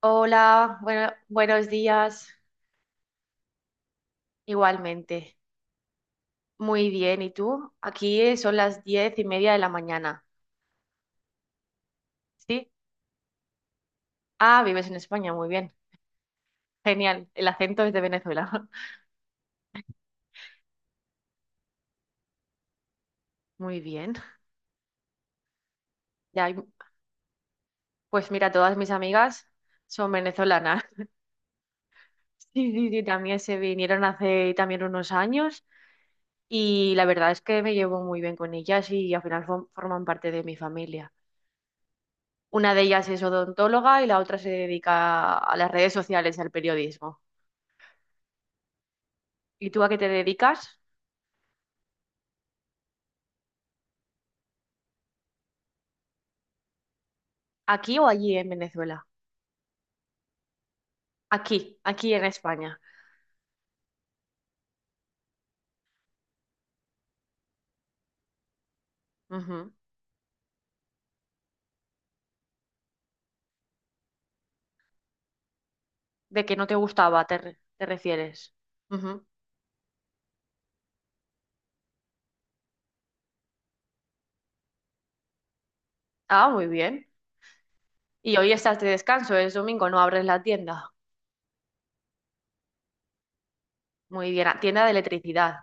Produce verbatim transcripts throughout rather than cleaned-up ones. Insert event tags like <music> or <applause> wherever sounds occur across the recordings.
Hola, bueno, buenos días. Igualmente. Muy bien. ¿Y tú? Aquí eh, son las diez y media de la mañana. ¿Sí? Ah, vives en España. Muy bien. Genial. El acento es de Venezuela. <laughs> Muy bien. Ya, hay- pues mira, todas mis amigas son venezolanas. <laughs> Sí, sí, sí. También se vinieron hace también unos años y la verdad es que me llevo muy bien con ellas y al final fo- forman parte de mi familia. Una de ellas es odontóloga y la otra se dedica a las redes sociales, al periodismo. ¿Y tú a qué te dedicas? ¿Aquí o allí en Venezuela? Aquí, aquí en España. Ujú. De que no te gustaba, te, re- te refieres. Ujú. Ah, muy bien. Y hoy estás de descanso, es domingo, no abres la tienda. Muy bien, ah, tienda de electricidad.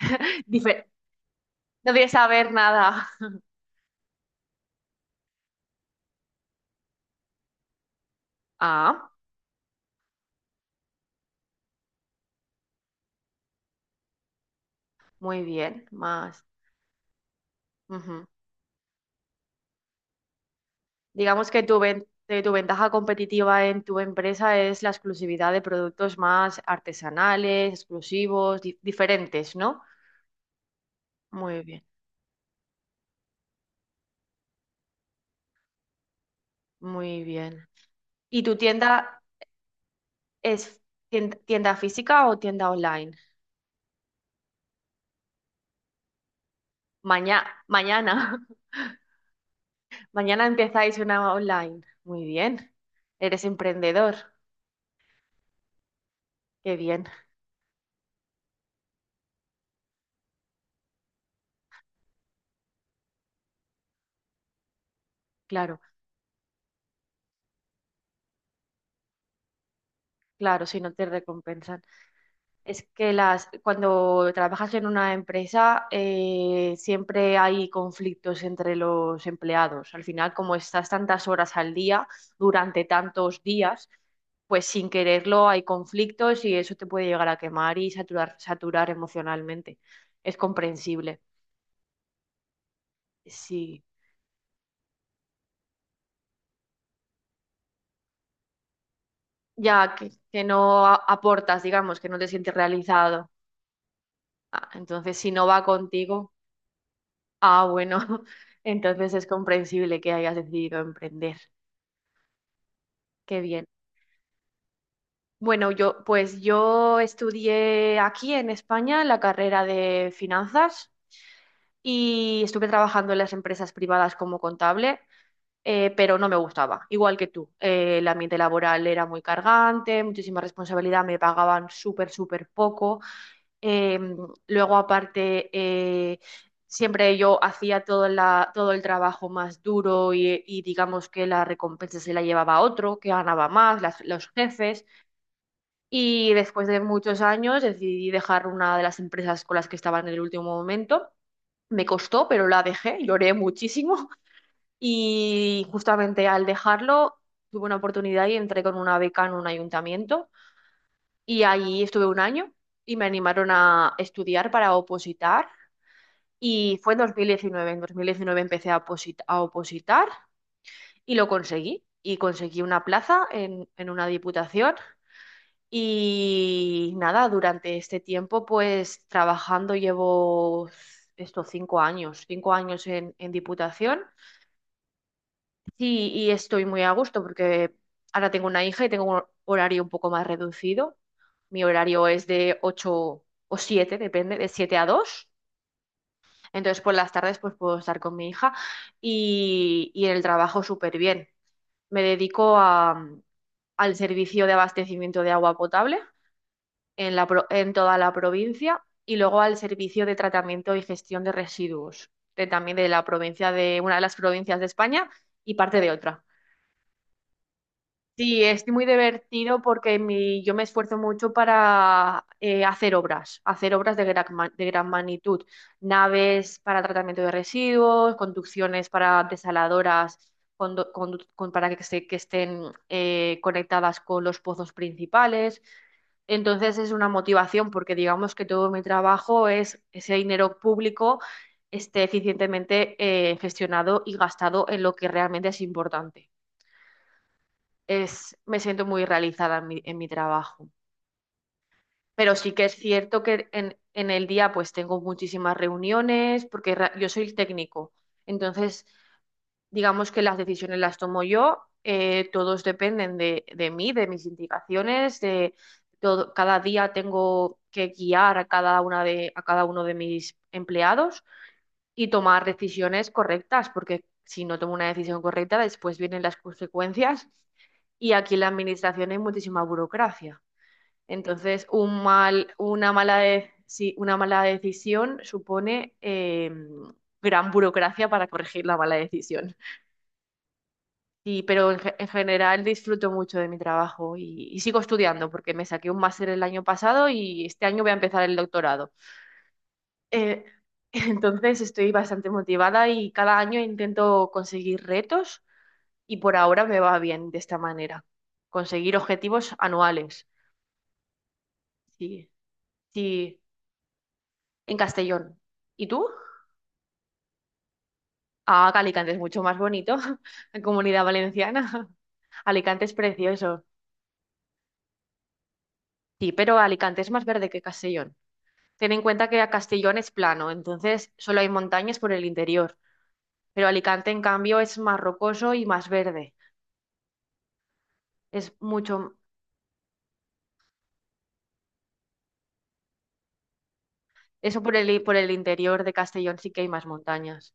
<laughs> Dife- no debes saber nada. Ah, muy bien, más. Ujú. Digamos que tu, ven- eh, tu ventaja competitiva en tu empresa es la exclusividad de productos más artesanales, exclusivos, di- diferentes, ¿no? Muy bien. Muy bien. ¿Y tu tienda es tien- tienda física o tienda online? Maña- mañana. <laughs> Mañana empezáis una online. Muy bien. Eres emprendedor. Qué bien. Claro, claro, si no te recompensan. Es que las, cuando trabajas en una empresa, eh, siempre hay conflictos entre los empleados. Al final, como estás tantas horas al día, durante tantos días, pues sin quererlo hay conflictos y eso te puede llegar a quemar y saturar, saturar emocionalmente. Es comprensible. Sí, ya que, que no a- aportas, digamos, que no te sientes realizado. Ah, entonces, si no va contigo, ah, bueno, <laughs> entonces es comprensible que hayas decidido emprender. Qué bien. Bueno, yo pues yo estudié aquí en España la carrera de finanzas y estuve trabajando en las empresas privadas como contable. Eh, pero no me gustaba, igual que tú. Eh, el ambiente laboral era muy cargante, muchísima responsabilidad, me pagaban súper, súper poco. Eh, luego aparte, eh, siempre yo hacía todo, la, todo el trabajo más duro, y, y digamos que la recompensa se la llevaba otro, que ganaba más, las- los jefes. Y después de muchos años decidí dejar una de las empresas con las que estaba en el último momento. Me costó, pero la dejé, lloré muchísimo, <laughs> y justamente al dejarlo tuve una oportunidad y entré con una beca en un ayuntamiento y ahí estuve un año y me animaron a estudiar para opositar, y fue en dos mil diecinueve. En dos mil diecinueve empecé a oposit- a opositar y lo conseguí, y conseguí una plaza en en una diputación. Y nada, durante este tiempo, pues trabajando, llevo estos cinco años, cinco años en, en Diputación, y, y estoy muy a gusto porque ahora tengo una hija y tengo un horario un poco más reducido. Mi horario es de ocho o siete, depende, de siete a dos. Entonces por las tardes pues puedo estar con mi hija, y, y en el trabajo súper bien. Me dedico a- al servicio de abastecimiento de agua potable en la pro- en toda la provincia, y luego al Servicio de Tratamiento y Gestión de Residuos, de- también de la provincia, de una de las provincias de España, y parte de otra. Sí, es muy divertido porque mi- yo me esfuerzo mucho para, eh, hacer obras, hacer obras de gran, ma- de gran magnitud, naves para tratamiento de residuos, conducciones para desaladoras, condo- condu- con- para que, se- que estén, eh, conectadas con los pozos principales. Entonces es una motivación porque, digamos, que todo mi trabajo es ese dinero público esté eficientemente, eh, gestionado y gastado en lo que realmente es importante. Es, me siento muy realizada en mi, en mi trabajo. Pero sí que es cierto que en, en el día pues tengo muchísimas reuniones, porque ra- yo soy el técnico. Entonces, digamos que las decisiones las tomo yo. Eh, todos dependen de, de mí, de mis indicaciones, de todo. Cada día tengo que guiar a cada una de, a cada uno de mis empleados y tomar decisiones correctas, porque si no tomo una decisión correcta, después vienen las consecuencias, y aquí en la administración hay muchísima burocracia. Entonces, un mal, una mala de- sí, una mala decisión supone, eh, gran burocracia para corregir la mala decisión. Sí, pero en, ge- en general disfruto mucho de mi trabajo, y, y sigo estudiando porque me saqué un máster el año pasado y este año voy a empezar el doctorado. Eh, <laughs> entonces, estoy bastante motivada y cada año intento conseguir retos, y por ahora me va bien de esta manera, conseguir objetivos anuales. Sí. Sí, en Castellón. ¿Y tú? Ah, que Alicante es mucho más bonito, <laughs> en Comunidad Valenciana. <laughs> Alicante es precioso. Sí, pero Alicante es más verde que Castellón. Ten en cuenta que Castellón es plano, entonces solo hay montañas por el interior, pero Alicante en cambio es más rocoso y más verde. Es mucho, eso por el, por el interior de Castellón sí que hay más montañas.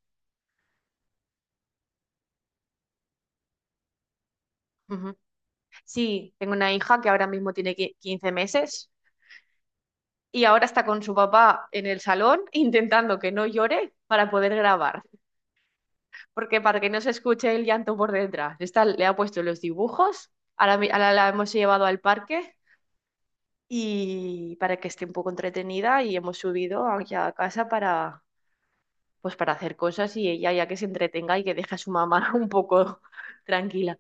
Ujú. Sí, tengo una hija que ahora mismo tiene qui- 15 meses. Y ahora está con su papá en el salón, <laughs> intentando que no llore para poder grabar, porque para que no se escuche el llanto por detrás. Está, le ha puesto los dibujos. Ahora, mi- ahora la hemos llevado al parque y para que esté un poco entretenida, y hemos subido aquí a casa para, pues, para hacer cosas y ella ya que se entretenga y que deje a su mamá <laughs> un poco tranquila.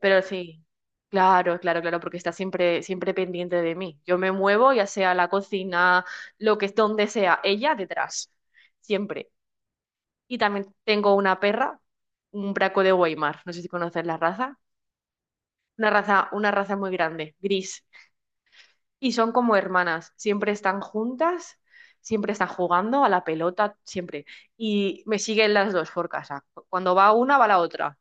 Pero sí, claro, claro, claro, porque está siempre, siempre pendiente de mí. Yo me muevo, ya sea a la cocina, lo que es, donde sea, ella detrás, siempre. Y también tengo una perra, un braco de Weimar, no sé si conoces la raza. Una raza, una raza muy grande, gris. Y son como hermanas, siempre están juntas, siempre están jugando a la pelota, siempre. Y me siguen las dos por casa. Cuando va una, va la otra.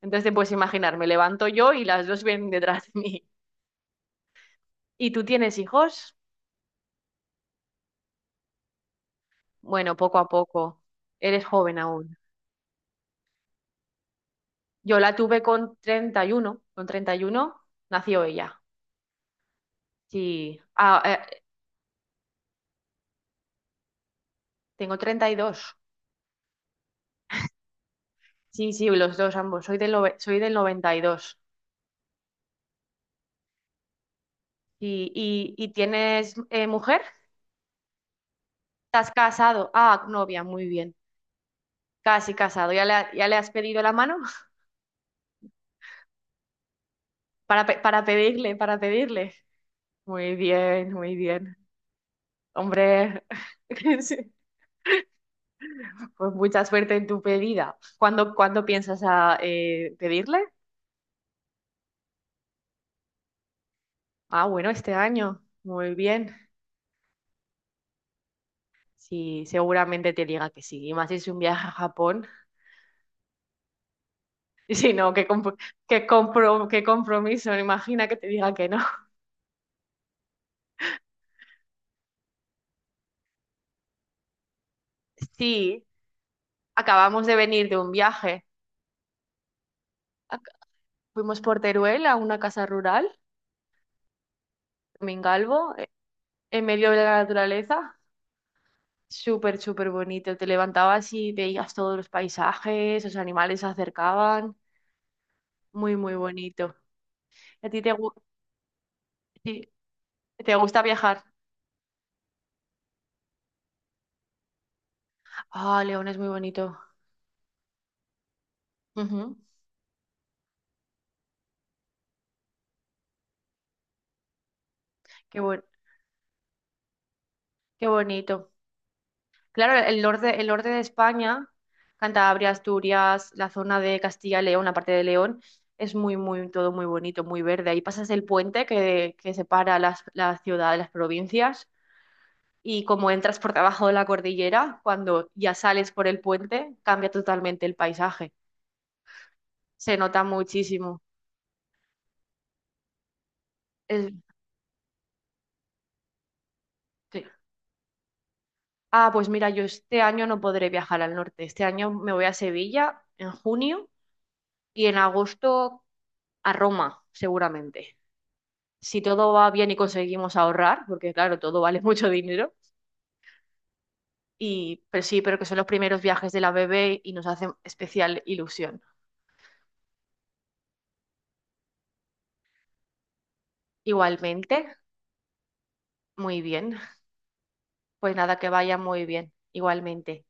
Entonces te puedes imaginar, me levanto yo y las dos vienen detrás de mí. ¿Y tú tienes hijos? Bueno, poco a poco. Eres joven aún. Yo la tuve con treinta y uno. Con treinta y uno nació ella. Sí. Ah, eh, tengo treinta y dos. Sí, sí, los dos ambos. Soy del, nove- soy del noventa y dos. Y, dos. y, y y tienes eh, mujer? ¿Estás casado? Ah, novia, muy bien. Casi casado. ¿Ya le, ha- ya le has pedido la mano? <laughs> Para, pe- para pedirle, para pedirle. Muy bien, muy bien. Hombre, <laughs> sí. Pues mucha suerte en tu pedida. ¿Cuándo, cuándo piensas a, eh, pedirle? Ah, bueno, este año. Muy bien. Sí, seguramente te diga que sí. Y más si es un viaje a Japón. <laughs> Y si no, qué, comp- qué compro- qué compromiso. Imagina que te diga que no. <laughs> Sí, acabamos de venir de un viaje. Ac- Fuimos por Teruel a una casa rural, Mingalvo, e- en medio de la naturaleza. Súper, súper bonito. Te levantabas y veías todos los paisajes, los animales se acercaban. Muy, muy bonito. ¿A ti te, gu- sí, te gusta viajar? Ah, León es muy bonito. Ujú. Qué buen- Qué bonito. Claro, el norte, el norte de España, Cantabria, Asturias, la zona de Castilla y León, la parte de León, es muy, muy, todo muy bonito, muy verde. Ahí pasas el puente que, que separa las, la ciudad de las provincias, y como entras por debajo de la cordillera, cuando ya sales por el puente, cambia totalmente el paisaje. Se nota muchísimo. Es- sí. Ah, pues mira, yo este año no podré viajar al norte. Este año me voy a Sevilla en junio y en agosto a Roma, seguramente. Si todo va bien y conseguimos ahorrar, porque claro, todo vale <laughs> mucho dinero. Y, pero sí, pero que son los primeros viajes de la bebé y nos hacen especial ilusión. Igualmente, muy bien. Pues nada, que vaya muy bien. Igualmente.